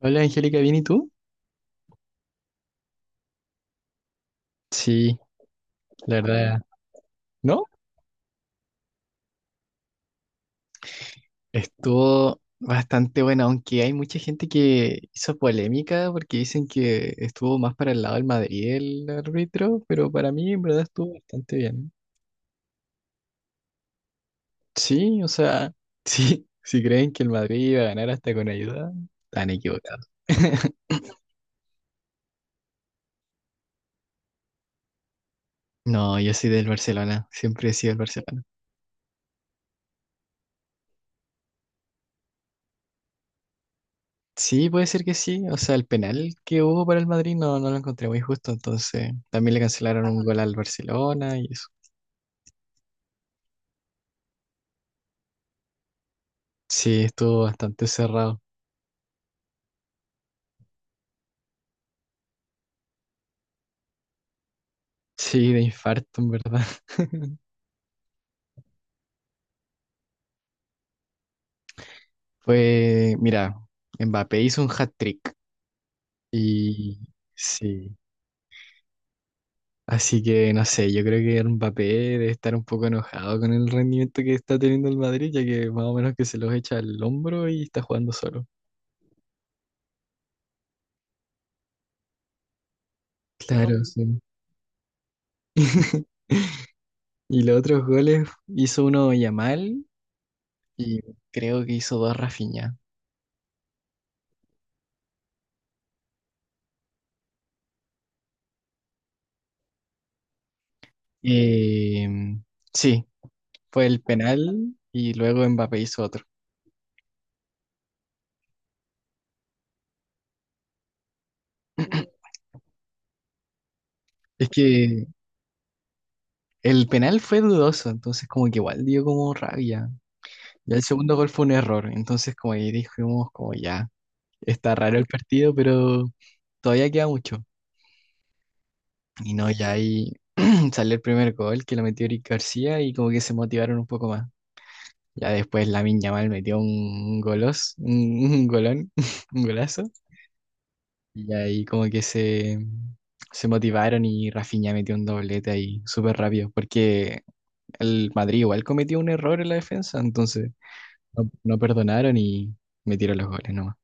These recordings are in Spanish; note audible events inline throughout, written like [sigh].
Hola Angélica, ¿bien y tú? Sí, la verdad, ¿no? Estuvo bastante buena, aunque hay mucha gente que hizo polémica porque dicen que estuvo más para el lado del Madrid el árbitro, pero para mí en verdad estuvo bastante bien. Sí, o sea, [laughs] sí, si creen que el Madrid iba a ganar hasta con ayuda, están equivocados. [laughs] No, yo soy del Barcelona, siempre he sido del Barcelona. Sí, puede ser que sí. O sea, el penal que hubo para el Madrid no lo encontré muy justo. Entonces, también le cancelaron un gol al Barcelona y eso. Sí, estuvo bastante cerrado. [laughs] Sí, de infarto, en verdad. [laughs] Fue, mira, Mbappé hizo un hat-trick. Y sí. Así que no sé, yo creo que Mbappé debe estar un poco enojado con el rendimiento que está teniendo el Madrid, ya que más o menos que se los echa al hombro y está jugando solo. Claro, no, sí. [laughs] Y los otros goles hizo uno Yamal y creo que hizo dos Rafinha. Eh, sí, fue el penal y luego Mbappé hizo otro. [clears throat] Es que el penal fue dudoso, entonces como que igual dio como rabia. Ya el segundo gol fue un error, entonces como ahí dijimos como ya, está raro el partido, pero todavía queda mucho. Y no, ya ahí [clears throat] salió el primer gol que lo metió Eric García y como que se motivaron un poco más. Ya después Lamine Yamal metió un golos, un golón, [laughs] un golazo. Y ahí como que se motivaron y Rafinha metió un doblete ahí súper rápido, porque el Madrid igual cometió un error en la defensa, entonces no perdonaron y metieron los goles nomás.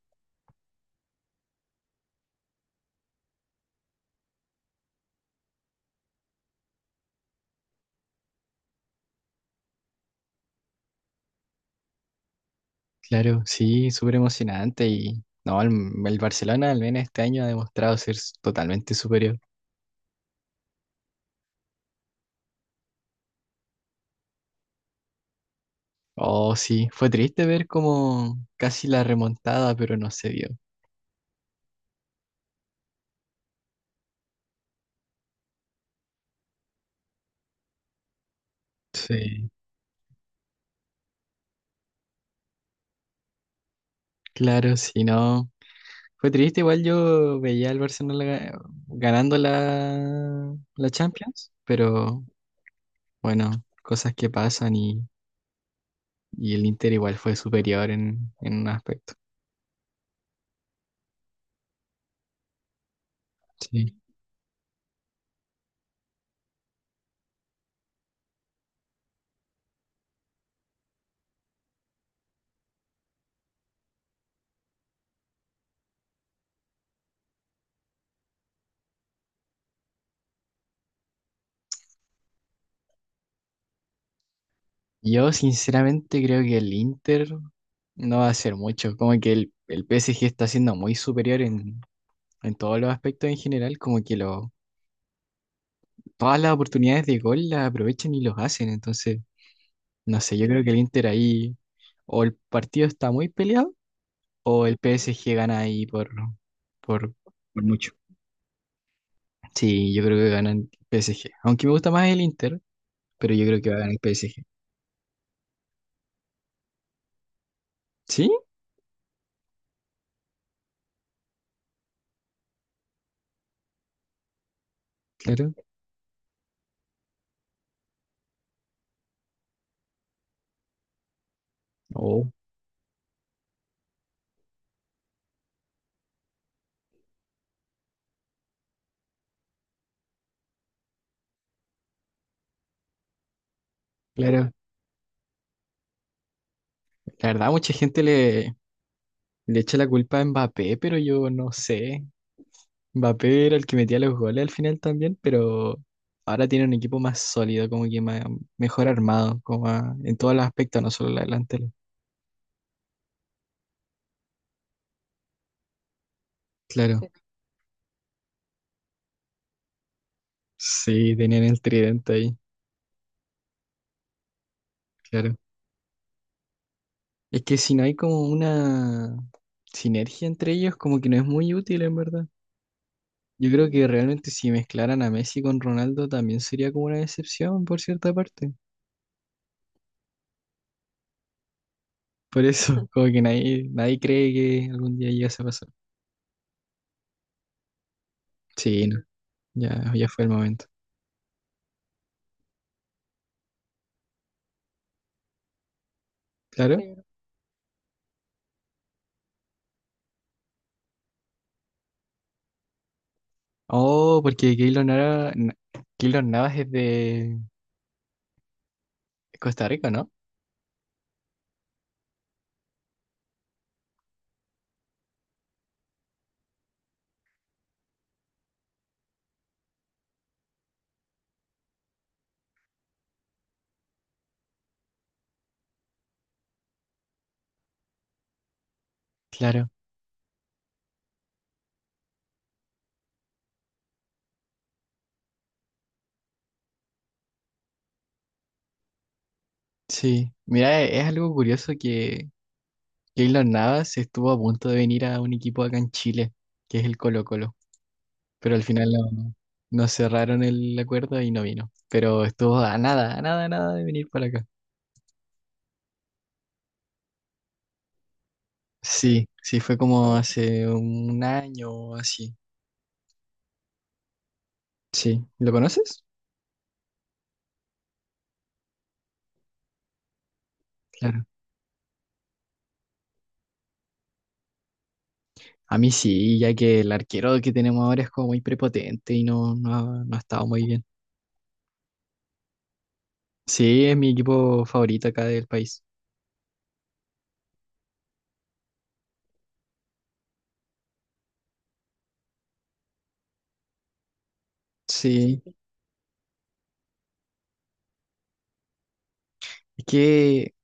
Claro, sí, súper emocionante y no, el Barcelona al menos este año ha demostrado ser s- totalmente superior. Oh, sí, fue triste ver como casi la remontada, pero no se vio. Sí, claro, sí, no. Fue triste, igual yo veía al Barcelona ga- ganando la Champions, pero bueno, cosas que pasan y el Inter igual fue superior en un aspecto. Sí. Yo sinceramente creo que el Inter no va a hacer mucho, como que el PSG está siendo muy superior en todos los aspectos en general, como que lo, todas las oportunidades de gol las aprovechan y los hacen, entonces, no sé, yo creo que el Inter ahí o el partido está muy peleado o el PSG gana ahí por... por mucho. Sí, yo creo que gana el PSG. Aunque me gusta más el Inter, pero yo creo que va a ganar el PSG. ¿Sí? Claro. Oh, claro. La verdad, mucha gente le echa la culpa a Mbappé, pero yo no sé. Mbappé era el que metía los goles al final también, pero ahora tiene un equipo más sólido, como que más- mejor armado, como a- en todos los aspectos, no solo la delantera. Claro. Sí, tenían el tridente ahí. Claro. Es que si no hay como una sinergia entre ellos, como que no es muy útil en verdad. Yo creo que realmente si mezclaran a Messi con Ronaldo también sería como una decepción por cierta parte. Por eso, [laughs] como que nadie, nadie cree que algún día llegase a pasar. Sí, no, ya, ya fue el momento. Claro. Sí. Oh, porque Keylor Nava, Na- Keylor Navas es de Costa Rica, ¿no? Claro, sí. Mira, e- es algo curioso que Keylor Navas estuvo a punto de venir a un equipo acá en Chile, que es el Colo-Colo. Pero al final no cerraron el acuerdo y no vino. Pero estuvo a nada, a nada, a nada de venir para acá. Sí, sí, fue como hace un año o así. Sí, ¿lo conoces? Claro. A mí sí, ya que el arquero que tenemos ahora es como muy prepotente y ha- no ha estado muy bien. Sí, es mi equipo favorito acá del país. Sí, es que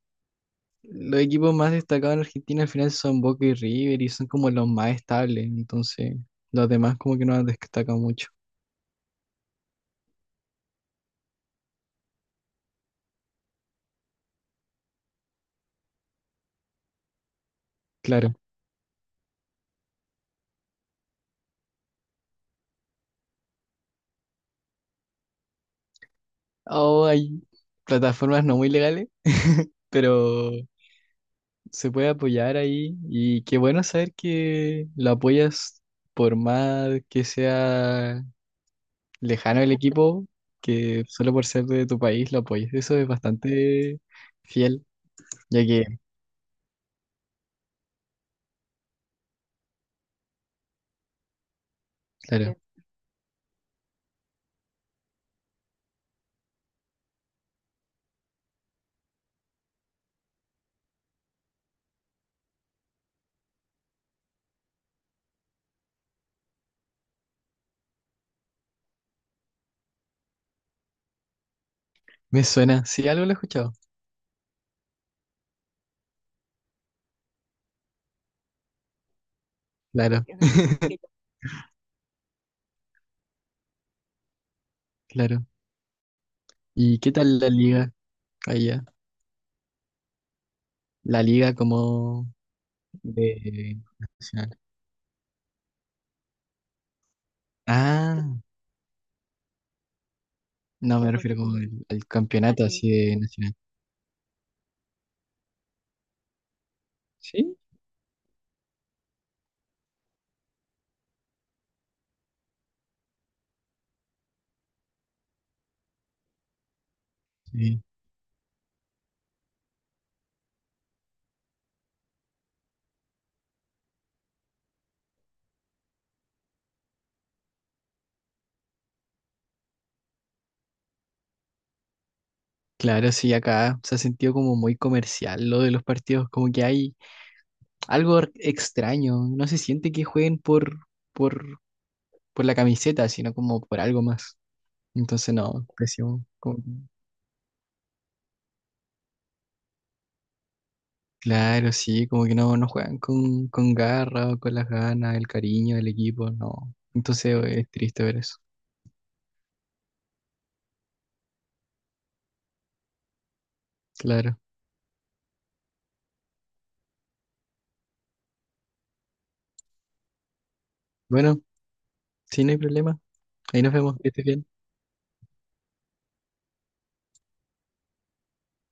los equipos más destacados en Argentina al final son Boca y River y son como los más estables, entonces los demás como que no han destacado mucho. Claro. O hay plataformas no muy legales, [laughs] pero se puede apoyar ahí y qué bueno saber que lo apoyas por más que sea lejano el equipo, que solo por ser de tu país lo apoyes. Eso es bastante fiel, ya que, claro, me suena. Sí, algo lo he escuchado. Claro, claro. ¿Y qué tal la liga allá? La liga como de nacional. Ah, no, me refiero como al campeonato así de nacional. Sí. Sí. Claro, sí, acá se ha sentido como muy comercial lo de los partidos, como que hay algo r- extraño, no se siente que jueguen por, por la camiseta, sino como por algo más. Entonces no, pésimo. Como que- claro, sí, como que no, no juegan con garra, o con las ganas, el cariño del equipo, no. Entonces es triste ver eso, claro. Bueno, sí, no hay problema. Ahí nos vemos, que estés bien.